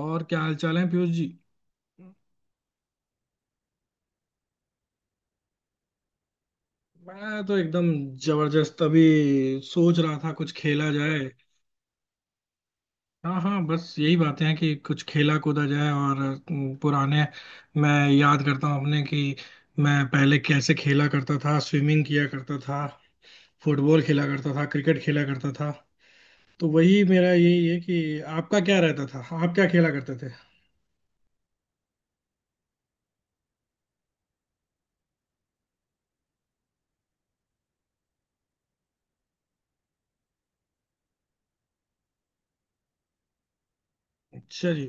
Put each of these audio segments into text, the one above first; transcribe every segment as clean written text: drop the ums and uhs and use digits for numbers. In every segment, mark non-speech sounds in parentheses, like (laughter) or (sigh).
और क्या हाल चाल है, पीयूष जी? मैं तो एकदम जबरदस्त। अभी सोच रहा था कुछ खेला जाए। हाँ हाँ, बस यही बातें हैं कि कुछ खेला कूदा जाए। और पुराने, मैं याद करता हूँ अपने, कि मैं पहले कैसे खेला करता था। स्विमिंग किया करता था, फुटबॉल खेला करता था, क्रिकेट खेला करता था। तो वही, मेरा यही है कि आपका क्या रहता था, आप क्या खेला करते थे? अच्छा जी।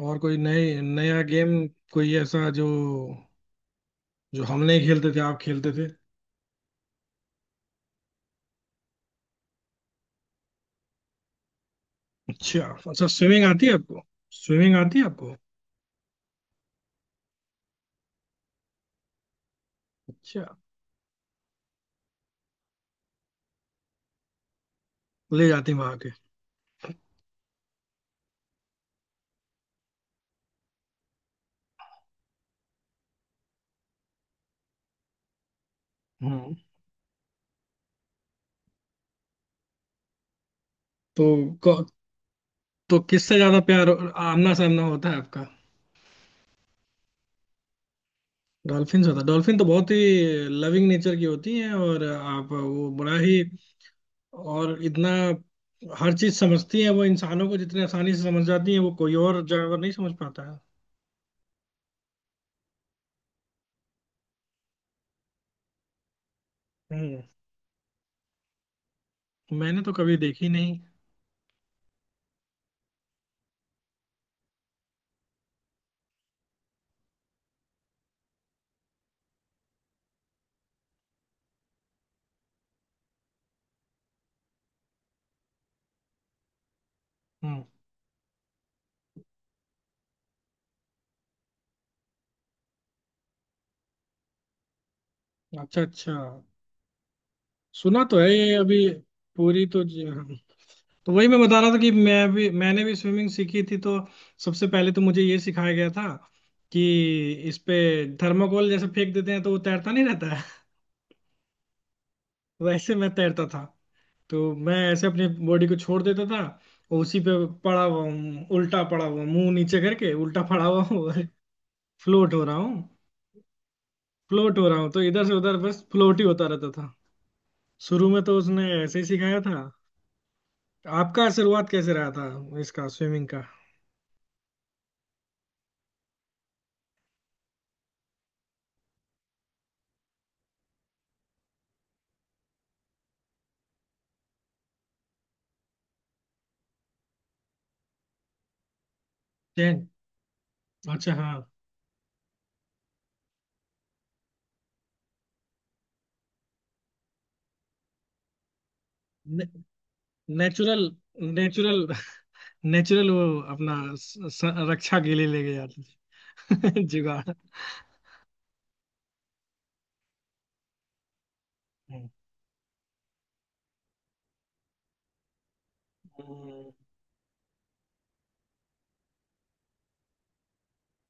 और कोई नए नया गेम? कोई ऐसा जो जो हम नहीं खेलते थे, आप खेलते थे? अच्छा अच्छा, स्विमिंग आती है आपको? स्विमिंग आती है आपको? अच्छा, ले जाती वहां के। हम्म। तो क- तो किससे ज्यादा प्यार, आमना सामना होता है आपका? डॉल्फिन से होता है? डॉल्फिन तो बहुत ही लविंग नेचर की होती है। और आप वो बड़ा ही और इतना हर चीज समझती है वो। इंसानों को जितने आसानी से समझ जाती है वो, कोई और जानवर नहीं समझ पाता है। हम्म। मैंने तो कभी देखी नहीं। हम्म। अच्छा अच्छा। सुना तो है ये अभी। पूरी तो हाँ। तो वही मैं बता रहा था कि मैंने भी स्विमिंग सीखी थी। तो सबसे पहले तो मुझे ये सिखाया गया था कि इस पे थर्माकोल जैसे फेंक देते हैं तो वो तैरता नहीं रहता है। (laughs) वैसे मैं तैरता था तो मैं ऐसे अपनी बॉडी को छोड़ देता था, और उसी पे पड़ा हुआ हूँ, उल्टा पड़ा हुआ, मुंह नीचे करके उल्टा पड़ा हुआ हूँ। (laughs) फ्लोट हो रहा हूँ। फ्लोट हो रहा हूँ, तो इधर से उधर बस फ्लोट ही होता रहता था। शुरू में तो उसने ऐसे ही सिखाया था। आपका शुरुआत कैसे रहा था इसका, स्विमिंग का? चैन। अच्छा हाँ। नेचुरल नेचुरल नेचुरल, वो अपना स, स, रक्षा के लिए ले गए जाते थे। (laughs) जुगाड़। हम्म।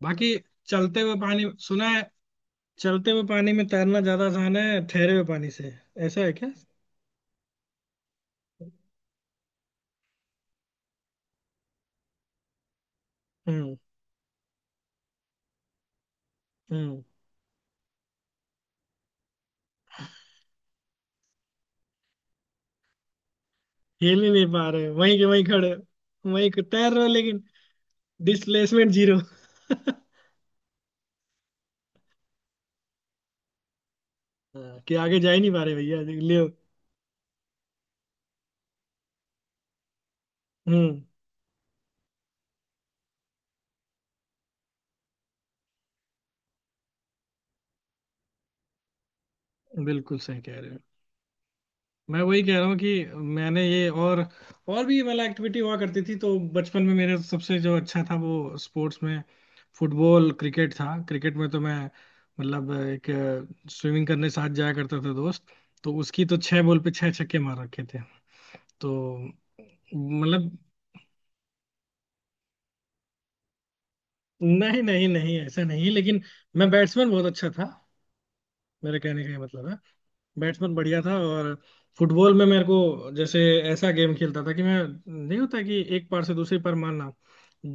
बाकी, चलते हुए पानी सुना है, चलते हुए पानी में तैरना ज्यादा आसान है ठहरे हुए पानी से, ऐसा है क्या? हम्म हम्म। हिल ही नहीं पा रहे, वहीं के वहीं खड़े हो। वहीं के तैर रहे हो लेकिन डिस्प्लेसमेंट जीरो। (laughs) कि आगे जा ही नहीं पा रहे, भैया ले। हम्म। बिल्कुल सही कह रहे हो। मैं वही कह रहा हूँ कि मैंने ये, और भी मतलब एक्टिविटी हुआ करती थी। तो बचपन में मेरा सबसे जो अच्छा था वो स्पोर्ट्स में फुटबॉल क्रिकेट था। क्रिकेट में तो मैं मतलब एक, स्विमिंग करने साथ जाया करते थे दोस्त, तो उसकी तो छह बॉल पे छह छक्के मार रखे थे। तो मतलब नहीं नहीं नहीं, ऐसा नहीं, लेकिन मैं बैट्समैन बहुत अच्छा था, मेरे कहने का ये मतलब है। बैट्समैन बढ़िया था। और फुटबॉल में मेरे को जैसे, ऐसा गेम खेलता था कि मैं नहीं होता कि एक पार से दूसरी पार मारना,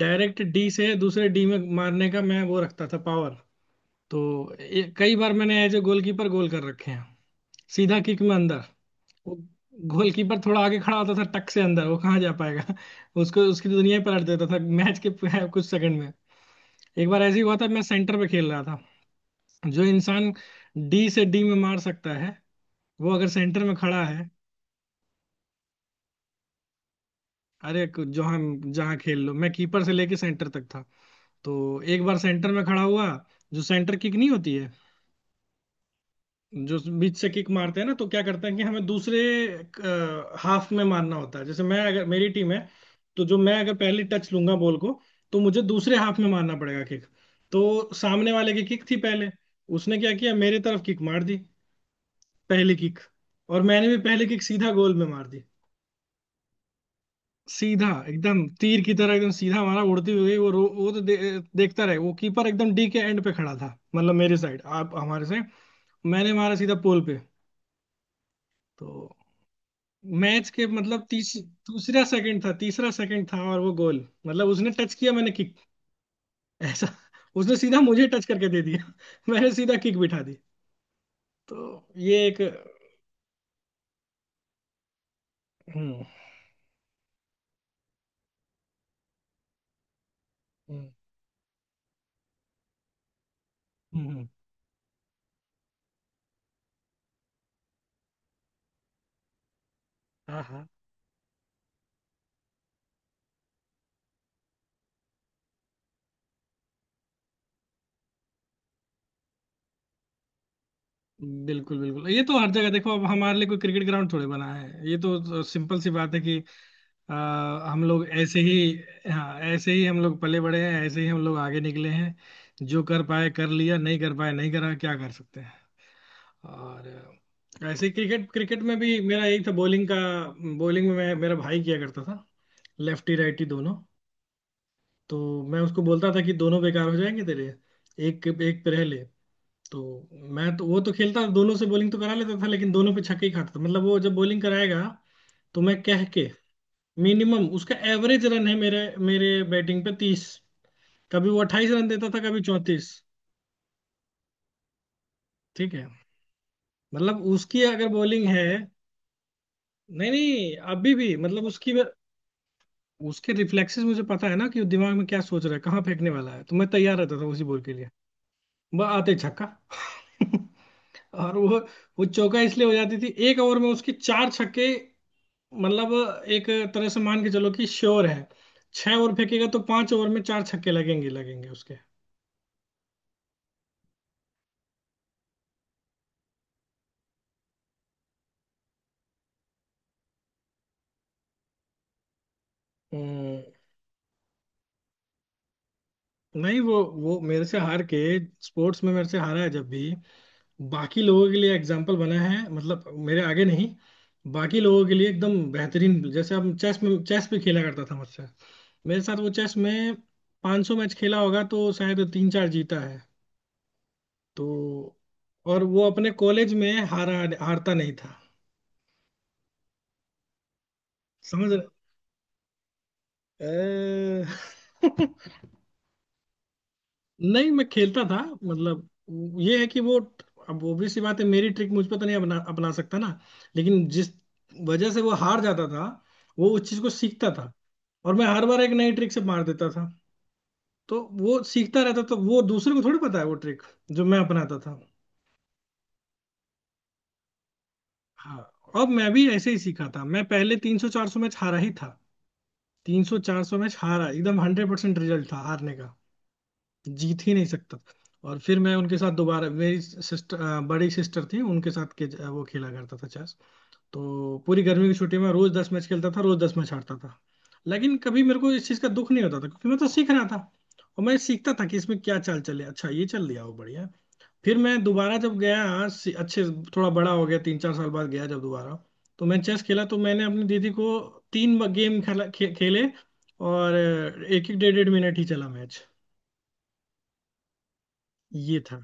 डायरेक्ट डी से दूसरे डी में मारने का मैं वो रखता था पावर। तो कई बार मैंने एज ए गोलकीपर गोल कर रखे हैं। सीधा किक में अंदर। वो गोलकीपर थोड़ा आगे खड़ा होता था, टक से अंदर, वो कहाँ जा पाएगा। (laughs) उसको उसकी दुनिया ही पलट देता था मैच के (laughs) कुछ सेकंड में। एक बार ऐसे ही हुआ था, मैं सेंटर पे खेल रहा था। जो इंसान डी से डी में मार सकता है, वो अगर सेंटर में खड़ा है। अरे जहाँ जहाँ खेल लो, मैं कीपर से लेके सेंटर तक था। तो एक बार सेंटर में खड़ा हुआ। जो सेंटर किक नहीं होती है, जो बीच से किक मारते हैं ना, तो क्या करते हैं कि हमें दूसरे हाफ में मारना होता है। जैसे मैं अगर, मेरी टीम है, तो जो मैं अगर पहली टच लूंगा बॉल को, तो मुझे दूसरे हाफ में मारना पड़ेगा किक। तो सामने वाले की किक थी पहले। उसने क्या किया, मेरे तरफ किक मार दी, पहली किक। और मैंने भी पहली किक सीधा गोल में मार दी। सीधा एकदम तीर की तरह, एकदम सीधा हमारा उड़ती हुई वो वो तो देखता रहे वो कीपर। एकदम डी के एंड पे खड़ा था, मतलब मेरी साइड, आप हमारे से। मैंने मारा सीधा पोल पे। तो मैच के मतलब तीस, दूसरा सेकंड था, तीसरा सेकंड था, और वो गोल। मतलब उसने टच किया, मैंने किक। ऐसा उसने सीधा मुझे टच करके दे दिया, (laughs) मैंने सीधा किक बिठा दी। तो ये एक। हम्म हम्म हम्म। हाँ हाँ, बिल्कुल बिल्कुल, ये तो हर जगह, देखो अब हमारे लिए कोई क्रिकेट ग्राउंड थोड़े बना है। ये तो सिंपल सी बात है कि अ, हम लोग ऐसे ही, हाँ, ऐसे ही हम लोग पले बड़े हैं, ऐसे ही हम लोग आगे निकले हैं। जो कर पाए कर लिया, नहीं कर पाए नहीं करा, क्या कर सकते हैं। और ऐसे ही क्रिकेट, क्रिकेट में भी मेरा यही था, बॉलिंग का। बॉलिंग में मैं मेरा भाई किया करता था लेफ्टी राइटी दोनों। तो मैं उसको बोलता था कि दोनों बेकार हो जाएंगे तेरे, एक एक पे रह ले। तो मैं तो, वो तो खेलता, दोनों से बॉलिंग तो करा लेता था, लेकिन दोनों पे छक्के ही खाता था। मतलब वो जब बॉलिंग कराएगा तो मैं, कह के, मिनिमम उसका एवरेज रन है मेरे मेरे बैटिंग पे 30। कभी वो 28 रन देता था, कभी 34। ठीक है। मतलब उसकी अगर बॉलिंग है। नहीं नहीं, अभी भी मतलब उसकी उसके रिफ्लेक्सेस मुझे पता है ना कि वो दिमाग में क्या सोच रहा है, कहाँ फेंकने वाला है। तो मैं तैयार रहता था उसी बॉल के लिए। वह आते ही छक्का। (laughs) और वो चौका, इसलिए हो जाती थी एक ओवर में उसके चार छक्के। मतलब एक तरह से मान के चलो कि श्योर है, छह ओवर फेंकेगा तो पांच ओवर में चार छक्के लगेंगे लगेंगे उसके। हम्म। नहीं वो मेरे से हार के, स्पोर्ट्स में मेरे से हारा है जब भी, बाकी लोगों के लिए एग्जाम्पल बना है। मतलब मेरे आगे नहीं, बाकी लोगों के लिए एकदम बेहतरीन। जैसे अब चेस में, चेस भी खेला करता था मुझसे। मेरे साथ वो चेस में 500 मैच खेला होगा तो शायद तीन चार जीता है। तो, और वो अपने कॉलेज में हारा, हारता नहीं था। समझ रहे अ- (laughs) नहीं, मैं खेलता था मतलब, ये है कि वो, अब obvious सी बात है, मेरी ट्रिक मुझ पर तो नहीं अपना, अपना सकता ना। लेकिन जिस वजह से वो हार जाता था, वो उस चीज को सीखता था, और मैं हर बार एक नई ट्रिक से मार देता था। तो वो सीखता रहता, तो वो दूसरे को थोड़ी पता है वो ट्रिक जो मैं अपनाता था। हाँ, अब मैं भी ऐसे ही सीखा था। मैं पहले 300 400 मैच हारा ही था। 300 400 मैच हारा, एकदम 100% रिजल्ट था हारने का, जीत ही नहीं सकता। और फिर मैं उनके साथ दोबारा, मेरी सिस्टर, बड़ी सिस्टर थी, उनके साथ के वो खेला करता था चेस। तो पूरी गर्मी की छुट्टी में रोज 10 मैच खेलता था, रोज 10 मैच हारता था। लेकिन कभी मेरे को इस चीज का दुख नहीं होता था, क्योंकि मैं तो सीख रहा था। और मैं सीखता था कि इसमें क्या चाल चले, अच्छा ये चल दिया वो बढ़िया। फिर मैं दोबारा जब गया, अच्छे थोड़ा बड़ा हो गया, तीन चार साल बाद गया जब दोबारा, तो मैं चेस खेला, तो मैंने अपनी दीदी को तीन गेम खेले। और एक एक डेढ़ डेढ़ मिनट ही चला मैच। ये था,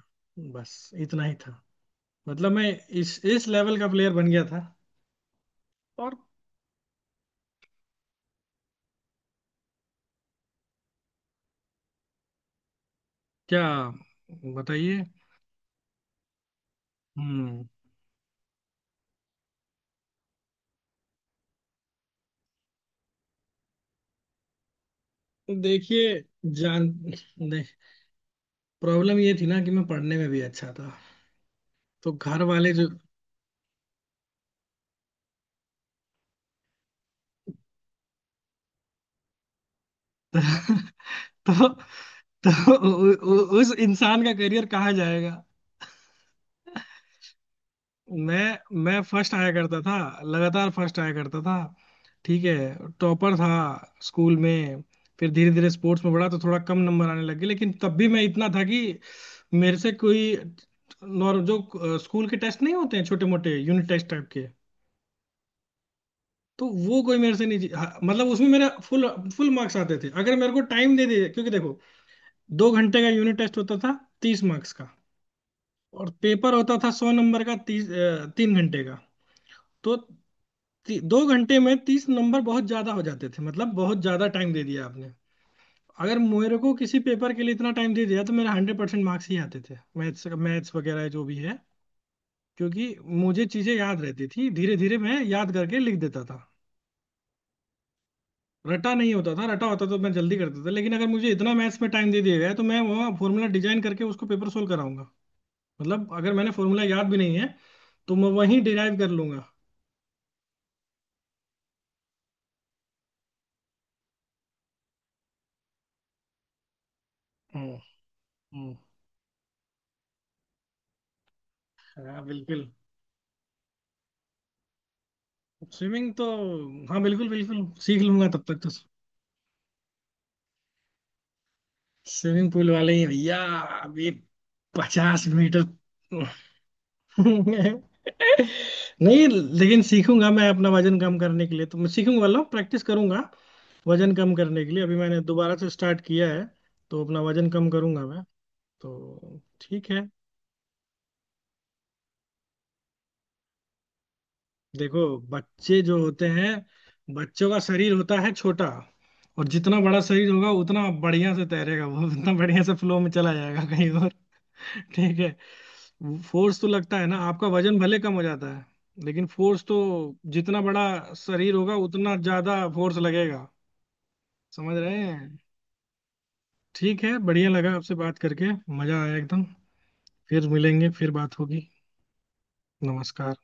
बस इतना ही था। मतलब मैं इस लेवल का प्लेयर बन गया था। और क्या बताइए। हम्म। देखिए, जान, नहीं, प्रॉब्लम ये थी ना कि मैं पढ़ने में भी अच्छा था। तो घर वाले जो, (laughs) तो, तो, उ, उ, उस इंसान का करियर कहाँ जाएगा। मैं मैं फर्स्ट आया करता था, लगातार फर्स्ट आया करता था। ठीक है, टॉपर था स्कूल में। फिर धीरे धीरे स्पोर्ट्स में बढ़ा तो थोड़ा कम नंबर आने लगे, लेकिन तब भी मैं इतना था कि मेरे से कोई, नॉर्म जो स्कूल के टेस्ट नहीं होते हैं, छोटे मोटे यूनिट टेस्ट टाइप के, तो वो कोई मेरे से नहीं हाँ, मतलब उसमें मेरा फुल फुल मार्क्स आते थे अगर मेरे को टाइम दे दे, क्योंकि देखो, 2 घंटे का यूनिट टेस्ट होता था, 30 मार्क्स का। और पेपर होता था 100 नंबर का, 3 घंटे का। तो 2 घंटे में 30 नंबर बहुत ज्यादा हो जाते थे, मतलब बहुत ज्यादा टाइम दे दिया आपने। अगर मेरे को किसी पेपर के लिए इतना टाइम दे दिया तो मेरे 100% मार्क्स ही आते थे, मैथ्स, मैथ्स वगैरह जो भी है। क्योंकि मुझे चीजें याद रहती थी, धीरे धीरे मैं याद करके लिख देता था। रटा नहीं होता था, रटा होता तो मैं जल्दी करता था, लेकिन अगर मुझे इतना मैथ्स में टाइम दे दिया गया है, तो मैं वहाँ फॉर्मूला डिजाइन करके उसको पेपर सोल्व कराऊंगा। मतलब अगर मैंने फॉर्मूला याद भी नहीं है, तो मैं वहीं डिराइव कर लूंगा। हम्म हम्म। हाँ बिल्कुल। स्विमिंग तो, हाँ बिल्कुल बिल्कुल, सीख लूंगा तब तक तो। स्विमिंग पूल वाले ही भैया। अभी 50 मीटर। (laughs) (laughs) नहीं, लेकिन सीखूंगा मैं। अपना वजन कम करने के लिए तो मैं सीखूंगा वाला प्रैक्टिस करूंगा। वजन कम करने के लिए अभी मैंने दोबारा से स्टार्ट किया है, तो अपना वजन कम करूंगा मैं। तो ठीक है। देखो, बच्चे जो होते हैं, बच्चों का शरीर होता है छोटा। और जितना बड़ा शरीर होगा, उतना बढ़िया से तैरेगा वो, उतना बढ़िया से फ्लो में चला जाएगा कहीं तो। ठीक है। फोर्स तो लगता है ना, आपका वजन भले कम हो जाता है, लेकिन फोर्स तो, जितना बड़ा शरीर होगा उतना ज्यादा फोर्स लगेगा। समझ रहे हैं। ठीक है, बढ़िया लगा आपसे बात करके, मजा आया एकदम। फिर मिलेंगे, फिर बात होगी। नमस्कार।